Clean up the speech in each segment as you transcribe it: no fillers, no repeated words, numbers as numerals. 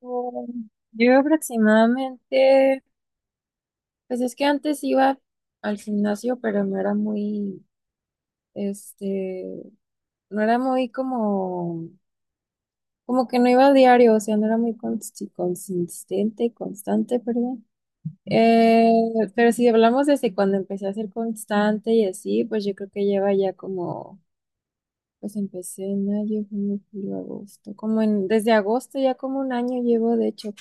Yo aproximadamente, pues es que antes iba al gimnasio, pero no era muy, este, no era muy como, como que no iba a diario, o sea, no era muy consistente, constante, perdón. Eh, pero si hablamos desde cuando empecé a ser constante y así, pues yo creo que lleva ya como, pues empecé en mayo, junio, julio, agosto, como en, desde agosto ya como un año llevo, de hecho.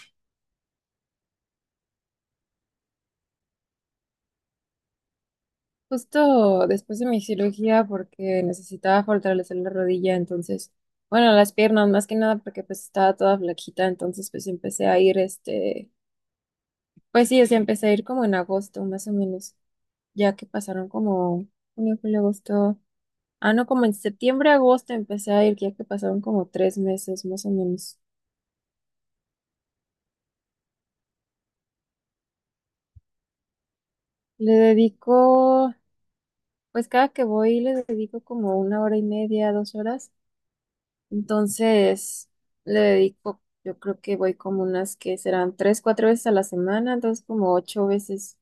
Justo después de mi cirugía porque necesitaba fortalecer la rodilla, entonces, bueno, las piernas más que nada porque pues estaba toda flaquita, entonces pues empecé a ir pues sí, o sea, empecé a ir como en agosto más o menos, ya que pasaron como junio, julio, agosto, ah, no, como en septiembre, agosto empecé a ir, ya que pasaron como tres meses más o menos. Le dedico, pues cada que voy le dedico como una hora y media, dos horas. Entonces, le dedico, yo creo que voy como unas que serán tres, cuatro veces a la semana, entonces como ocho veces,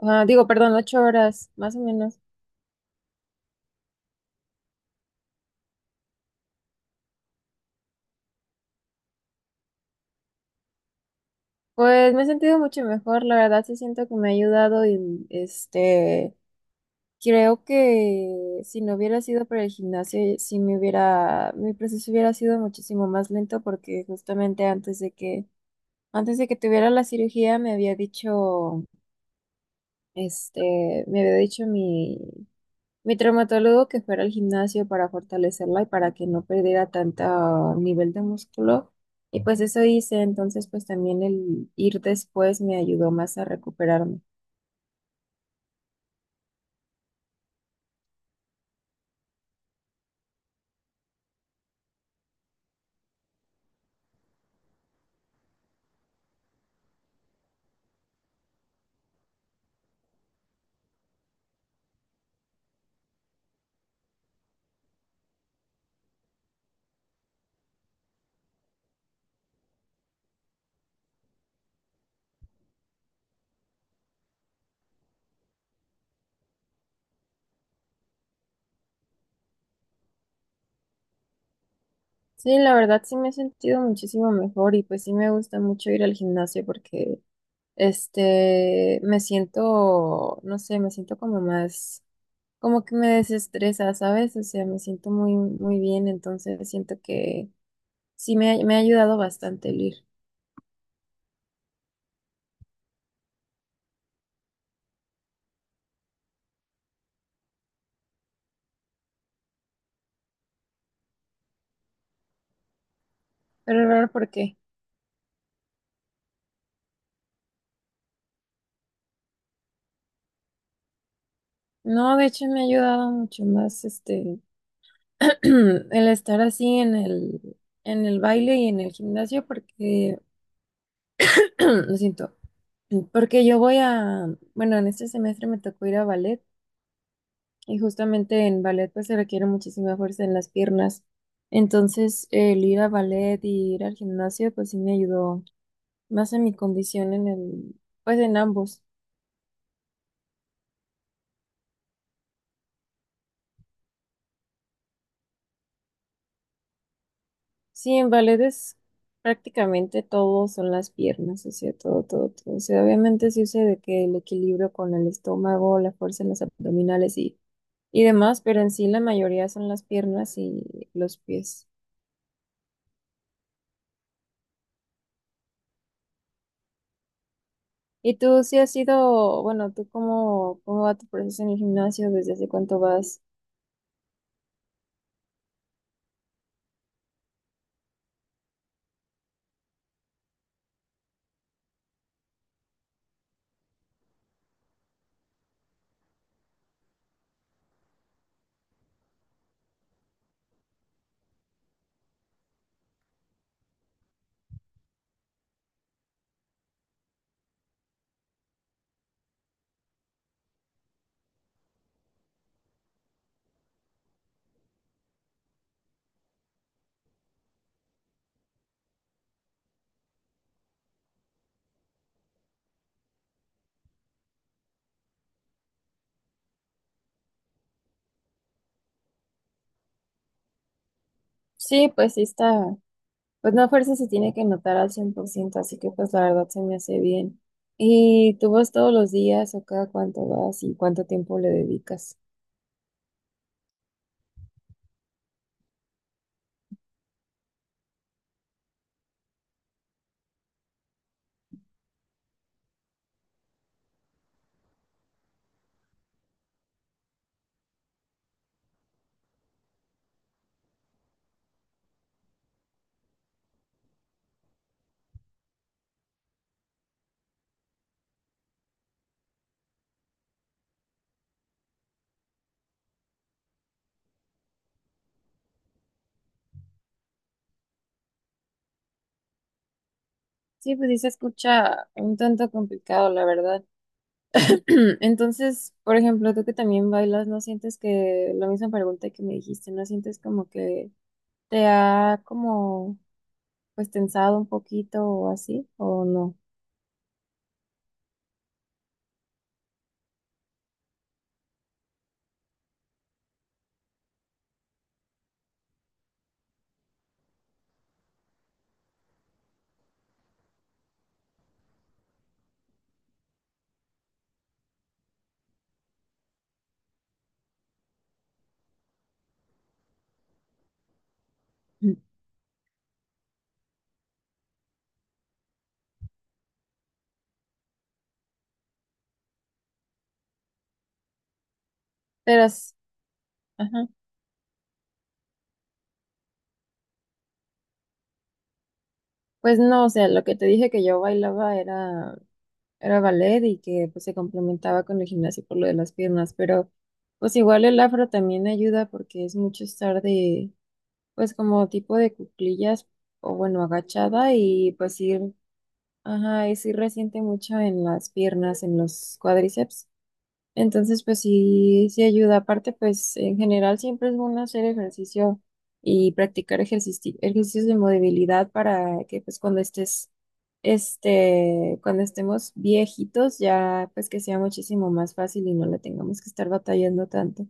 ah, digo, perdón, ocho horas, más o menos. Pues me he sentido mucho mejor, la verdad sí siento que me ha ayudado y creo que si no hubiera sido por el gimnasio, sí me hubiera, mi proceso hubiera sido muchísimo más lento porque justamente antes de que tuviera la cirugía me había dicho, me había dicho mi traumatólogo que fuera al gimnasio para fortalecerla y para que no perdiera tanto nivel de músculo. Y pues eso hice, entonces pues también el ir después me ayudó más a recuperarme. Sí, la verdad sí me he sentido muchísimo mejor y pues sí me gusta mucho ir al gimnasio porque me siento, no sé, me siento como más, como que me desestresa, ¿sabes? O sea, me siento muy, muy bien, entonces siento que sí me ha ayudado bastante el ir. Pero raro, ¿por qué? No, de hecho me ha ayudado mucho más el estar así en el baile y en el gimnasio porque lo siento, porque yo voy a, bueno, en este semestre me tocó ir a ballet y justamente en ballet pues se requiere muchísima fuerza en las piernas. Entonces, el ir a ballet y ir al gimnasio pues sí me ayudó más en mi condición en el pues en ambos. Sí, en ballet es prácticamente todo son las piernas, o sea, todo, todo, todo. O sea, obviamente sí sé de que el equilibrio con el estómago, la fuerza en los abdominales y demás, pero en sí la mayoría son las piernas y los pies. ¿Y tú sí has ido, bueno, tú cómo, cómo va tu proceso en el gimnasio? ¿Desde hace cuánto vas? Sí, pues sí está, pues no a fuerza se tiene que notar al 100%, así que pues la verdad se me hace bien. ¿Y tú vas todos los días o cada cuánto vas y cuánto tiempo le dedicas? Sí, pues sí se escucha un tanto complicado, la verdad. Entonces, por ejemplo, tú que también bailas, ¿no sientes que la misma pregunta que me dijiste, ¿no sientes como que te ha como pues tensado un poquito o así o no? Mm. Pero, ajá, pues no, o sea, lo que te dije que yo bailaba era ballet y que pues se complementaba con el gimnasio por lo de las piernas, pero pues igual el afro también ayuda porque es mucho estar de pues como tipo de cuclillas o bueno, agachada y pues ir, ajá, y sí resiente mucho en las piernas, en los cuádriceps. Entonces, pues sí, sí ayuda. Aparte, pues en general siempre es bueno hacer ejercicio y practicar ejercicios de movilidad para que pues cuando estés, cuando estemos viejitos ya pues que sea muchísimo más fácil y no le tengamos que estar batallando tanto.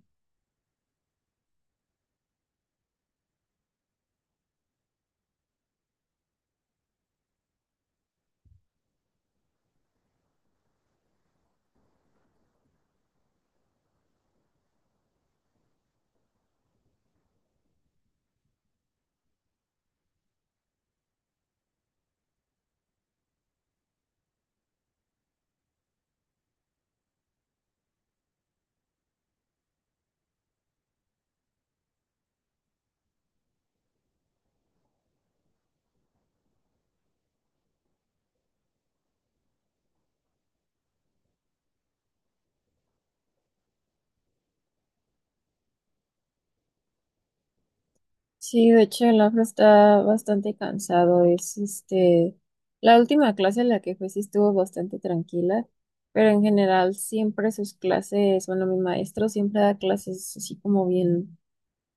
Sí, de hecho el afro está bastante cansado. Es la última clase en la que fue sí estuvo bastante tranquila, pero en general siempre sus clases, bueno, mi maestro siempre da clases así como bien,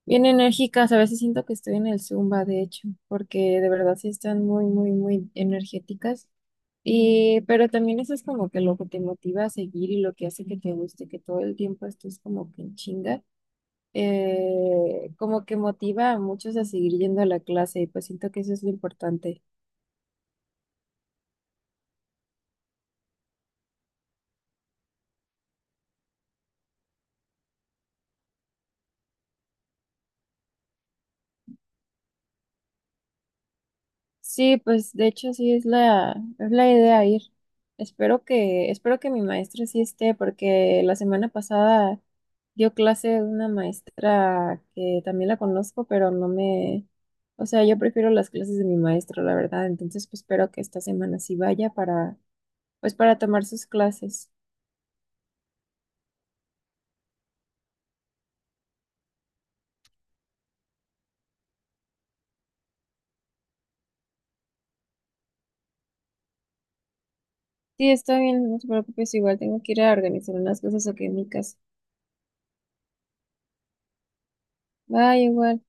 bien enérgicas. A veces siento que estoy en el Zumba, de hecho, porque de verdad sí están muy, muy, muy energéticas. Y, pero también eso es como que lo que te motiva a seguir y lo que hace que te guste, que todo el tiempo estés como que en chinga como que motiva a muchos a seguir yendo a la clase y pues siento que eso es lo importante. Sí, pues de hecho sí es es la idea ir. Espero que mi maestra sí esté, porque la semana pasada dio clase una maestra que también la conozco, pero no me, o sea, yo prefiero las clases de mi maestro, la verdad. Entonces, pues espero que esta semana sí vaya para, pues para tomar sus clases. Sí, está bien, no te preocupes, igual tengo que ir a organizar unas cosas aquí en mi casa. Bye, igual.